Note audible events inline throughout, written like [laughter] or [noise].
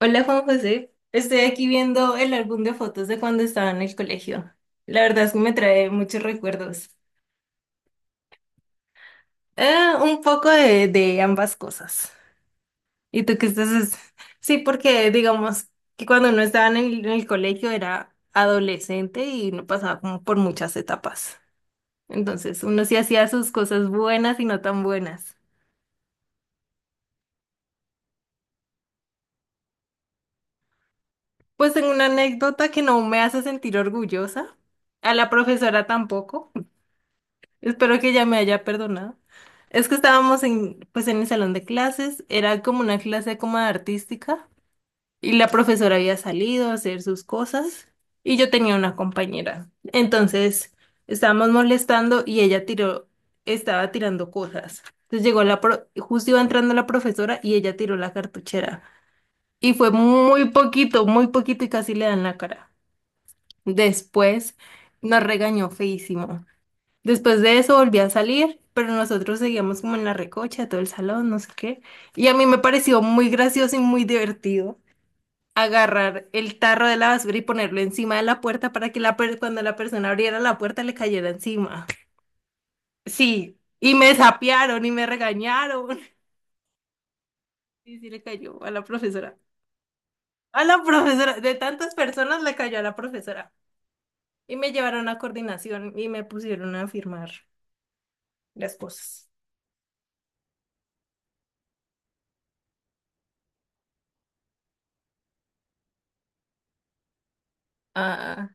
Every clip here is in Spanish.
Hola Juan José, estoy aquí viendo el álbum de fotos de cuando estaba en el colegio. La verdad es que me trae muchos recuerdos. Eh, un poco de ambas cosas. ¿Y tú qué estás? Sí, porque digamos que cuando uno estaba en el colegio era adolescente y no pasaba como por muchas etapas. Entonces uno sí hacía sus cosas buenas y no tan buenas. Pues tengo una anécdota que no me hace sentir orgullosa, a la profesora tampoco. Espero que ya me haya perdonado. Es que estábamos en, pues en el salón de clases, era como una clase como de artística, y la profesora había salido a hacer sus cosas y yo tenía una compañera. Entonces estábamos molestando y ella tiró, estaba tirando cosas. Entonces llegó la justo iba entrando la profesora y ella tiró la cartuchera y fue muy poquito y casi le dan la cara. Después nos regañó feísimo. Después de eso volví a salir, pero nosotros seguíamos como en la recocha, todo el salón, no sé qué. Y a mí me pareció muy gracioso y muy divertido agarrar el tarro de la basura y ponerlo encima de la puerta para que la cuando la persona abriera la puerta le cayera encima. Sí, y me sapearon y me regañaron. [laughs] Y sí le cayó a la profesora. A la profesora, de tantas personas le cayó a la profesora. Y me llevaron a coordinación y me pusieron a firmar las cosas. Ah,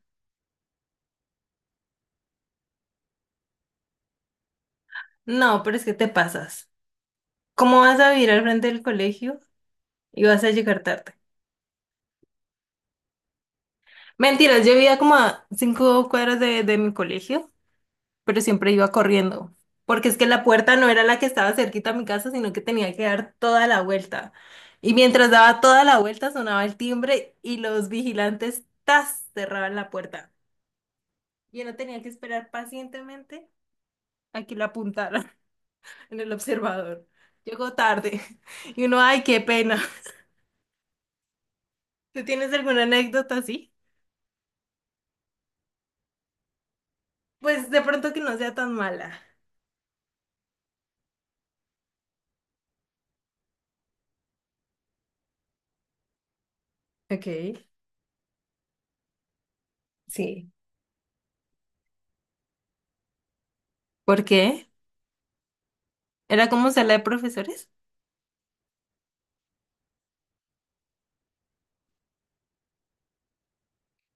no, pero es que te pasas. ¿Cómo vas a vivir al frente del colegio y vas a llegar tarde? Mentiras, yo vivía como a 5 cuadras de mi colegio, pero siempre iba corriendo, porque es que la puerta no era la que estaba cerquita a mi casa, sino que tenía que dar toda la vuelta. Y mientras daba toda la vuelta sonaba el timbre y los vigilantes ¡tas! Cerraban la puerta. Yo no tenía que esperar pacientemente a que lo apuntaran [laughs] en el observador. Llegó tarde [laughs] y uno, ay, qué pena. [laughs] ¿Tú tienes alguna anécdota así? Pues de pronto que no sea tan mala. Ok. Sí. ¿Por qué? ¿Era como sala de profesores?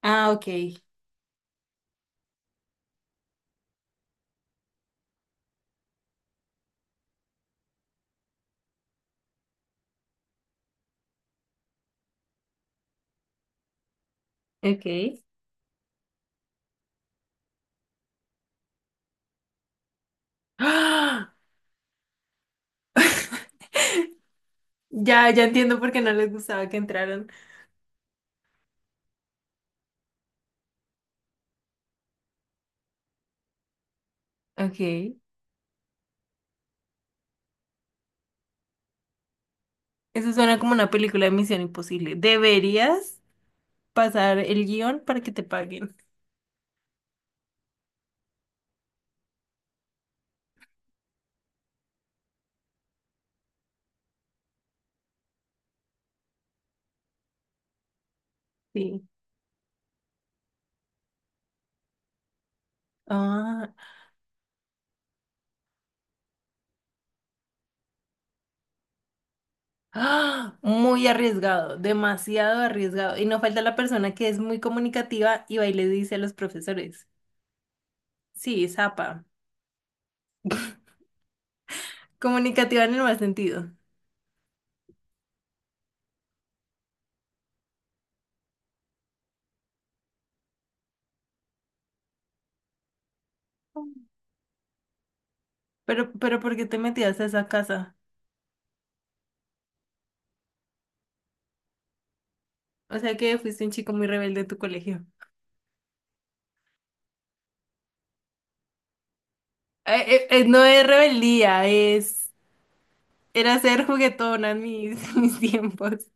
Ah, ok. Ok. ¡Ah! Ya entiendo por qué no les gustaba que entraran. Ok. Eso suena como una película de Misión Imposible. Deberías pasar el guión para que te paguen. Sí. Ah, ¡Ah! Muy arriesgado, demasiado arriesgado. Y no falta la persona que es muy comunicativa y va y le dice a los profesores. Sí, zapa. Comunicativa en el mal sentido. Pero ¿por qué te metías a esa casa? O sea que fuiste un chico muy rebelde en tu colegio. No es rebeldía, es... Era ser juguetona en mis, [laughs] mis tiempos.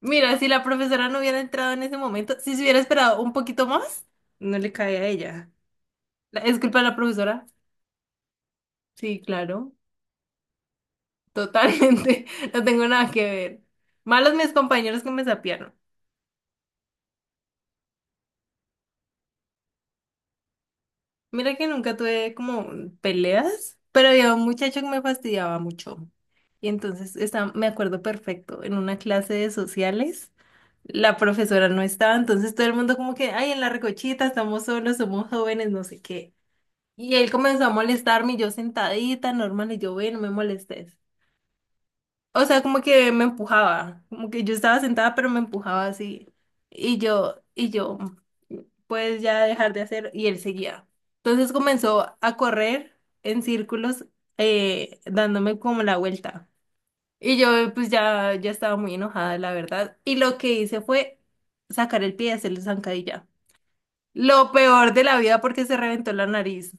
Mira, si la profesora no hubiera entrado en ese momento, si se hubiera esperado un poquito más, no le cae a ella. ¿Es culpa de la profesora? Sí, claro, totalmente. [laughs] No tengo nada que ver. Malos mis compañeros que me sapearon. Mira que nunca tuve como peleas, pero había un muchacho que me fastidiaba mucho. Y entonces está, me acuerdo perfecto, en una clase de sociales, la profesora no estaba, entonces todo el mundo como que, ay, en la recochita, estamos solos, somos jóvenes, no sé qué. Y él comenzó a molestarme, y yo sentadita, normal, y yo, bueno, no me molestes. O sea, como que me empujaba, como que yo estaba sentada, pero me empujaba así. Y yo, y yo, pues ya dejar de hacer, y él seguía. Entonces comenzó a correr en círculos, dándome como la vuelta. Y yo, pues ya, ya estaba muy enojada, la verdad. Y lo que hice fue sacar el pie y hacerle zancadilla. Lo peor de la vida porque se reventó la nariz.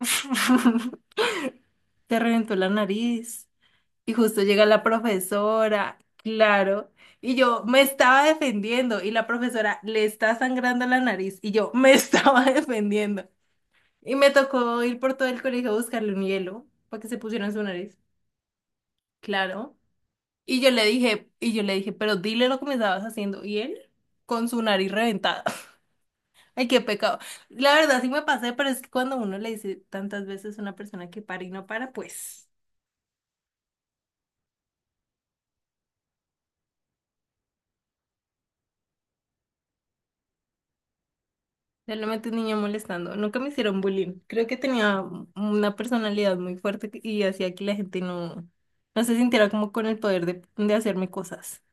[laughs] Se reventó la nariz. Y justo llega la profesora, claro, y yo me estaba defendiendo y la profesora le está sangrando la nariz y yo me [laughs] estaba defendiendo. Y me tocó ir por todo el colegio a buscarle un hielo para que se pusiera en su nariz, claro. Y yo le dije, pero dile lo que me estabas haciendo. Y él con su nariz reventada. [laughs] Ay, qué pecado. La verdad sí me pasé, pero es que cuando uno le dice tantas veces a una persona que para y no para, pues... Realmente un niño molestando. Nunca me hicieron bullying. Creo que tenía una personalidad muy fuerte y hacía que la gente no se sintiera como con el poder de hacerme cosas.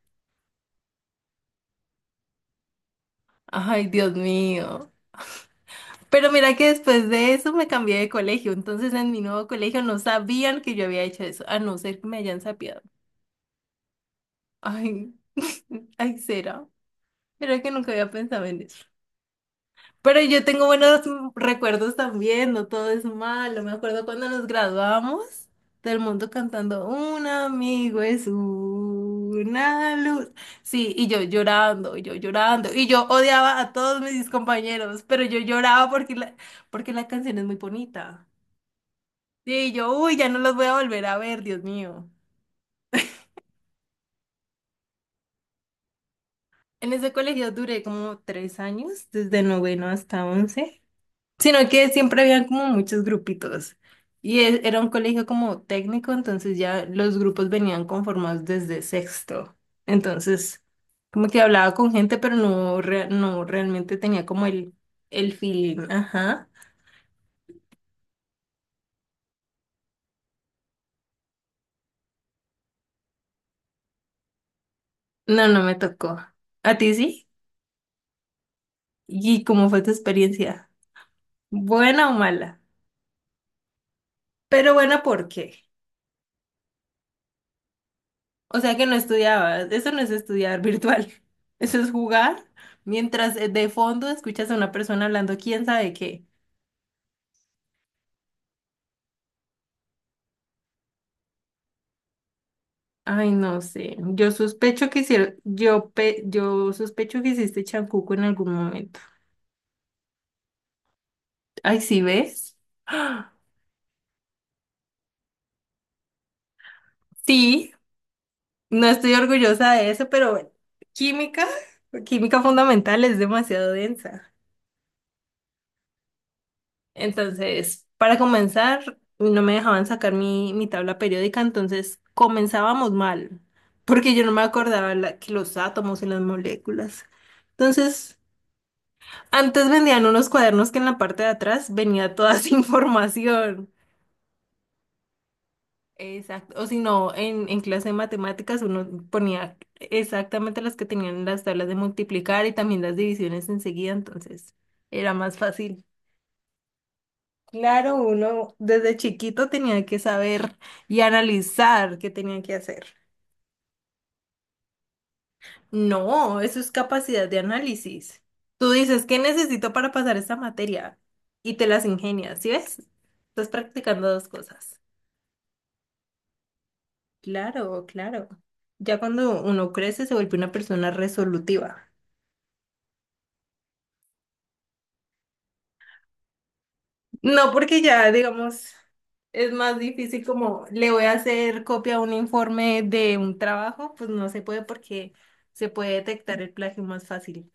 Ay, Dios mío. Pero mira que después de eso me cambié de colegio. Entonces en mi nuevo colegio no sabían que yo había hecho eso, a no ser que me hayan sapeado. Ay, ay, será. Pero que nunca había pensado en eso. Pero yo tengo buenos recuerdos también, no todo es malo. Me acuerdo cuando nos graduamos del mundo cantando Un amigo es una luz. Sí, y yo llorando, y yo odiaba a todos mis compañeros, pero yo lloraba porque la canción es muy bonita. Sí, y yo, uy, ya no los voy a volver a ver, Dios mío. En ese colegio duré como 3 años, desde noveno hasta once. Sino que siempre habían como muchos grupitos. Era un colegio como técnico, entonces ya los grupos venían conformados desde sexto. Entonces, como que hablaba con gente, pero no realmente tenía como el feeling. Ajá. No, no me tocó. ¿A ti sí? ¿Y cómo fue tu experiencia? ¿Buena o mala? Pero buena, ¿por qué? O sea que no estudiabas, eso no es estudiar virtual, [laughs] eso es jugar mientras de fondo escuchas a una persona hablando quién sabe qué. Ay, no sé, yo sospecho que hiciste chancuco en algún momento. Ay, ¿sí ves? [gasps] Sí, no estoy orgullosa de eso, pero bueno, química, química fundamental es demasiado densa. Entonces, para comenzar, no me dejaban sacar mi tabla periódica, entonces comenzábamos mal, porque yo no me acordaba que los átomos y las moléculas. Entonces, antes vendían unos cuadernos que en la parte de atrás venía toda esa [laughs] información. Exacto. O si no, en clase de matemáticas uno ponía exactamente las que tenían las tablas de multiplicar y también las divisiones enseguida, entonces era más fácil. Claro, uno desde chiquito tenía que saber y analizar qué tenía que hacer. No, eso es capacidad de análisis. Tú dices, ¿qué necesito para pasar esta materia? Y te las ingenias, ¿sí ves? Estás practicando dos cosas. Claro. Ya cuando uno crece se vuelve una persona resolutiva. No, porque ya, digamos, es más difícil como le voy a hacer copia a un informe de un trabajo, pues no se puede porque se puede detectar el plagio más fácil.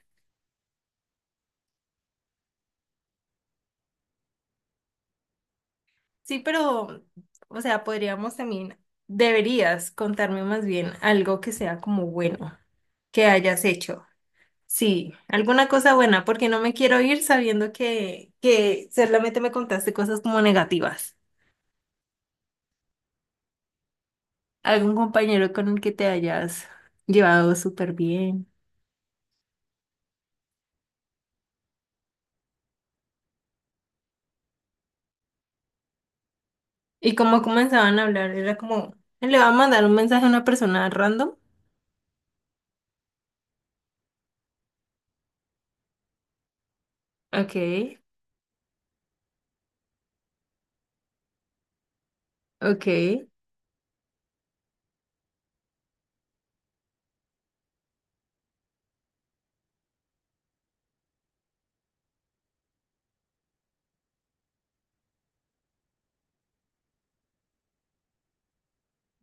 Sí, pero, o sea, podríamos también, deberías contarme más bien algo que sea como bueno, que hayas hecho. Sí, alguna cosa buena, porque no me quiero ir sabiendo que solamente me contaste cosas como negativas. ¿Algún compañero con el que te hayas llevado súper bien? Y como comenzaban a hablar, era como, él le va a mandar un mensaje a una persona random. Okay, okay,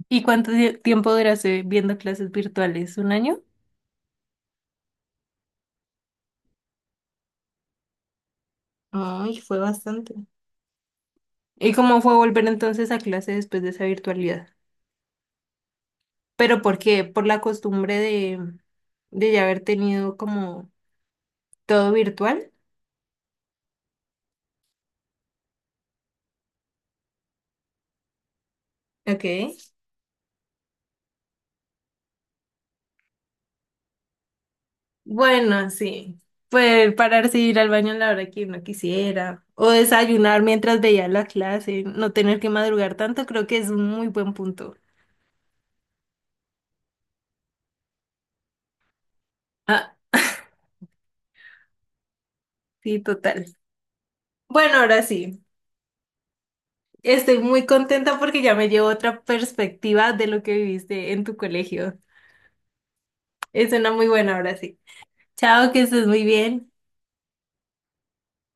¿y cuánto tiempo duraste viendo clases virtuales? ¿Un año? Ay, fue bastante. ¿Y cómo fue volver entonces a clase después de esa virtualidad? ¿Pero por qué? ¿Por la costumbre de ya haber tenido como todo virtual? Ok. Bueno, sí. Pues pararse y ir al baño a la hora que uno quisiera. O desayunar mientras veía la clase. No tener que madrugar tanto, creo que es un muy buen punto. Ah, sí, total. Bueno, ahora sí. Estoy muy contenta porque ya me llevo otra perspectiva de lo que viviste en tu colegio. Es una muy buena, ahora sí. Chao, que estés muy bien.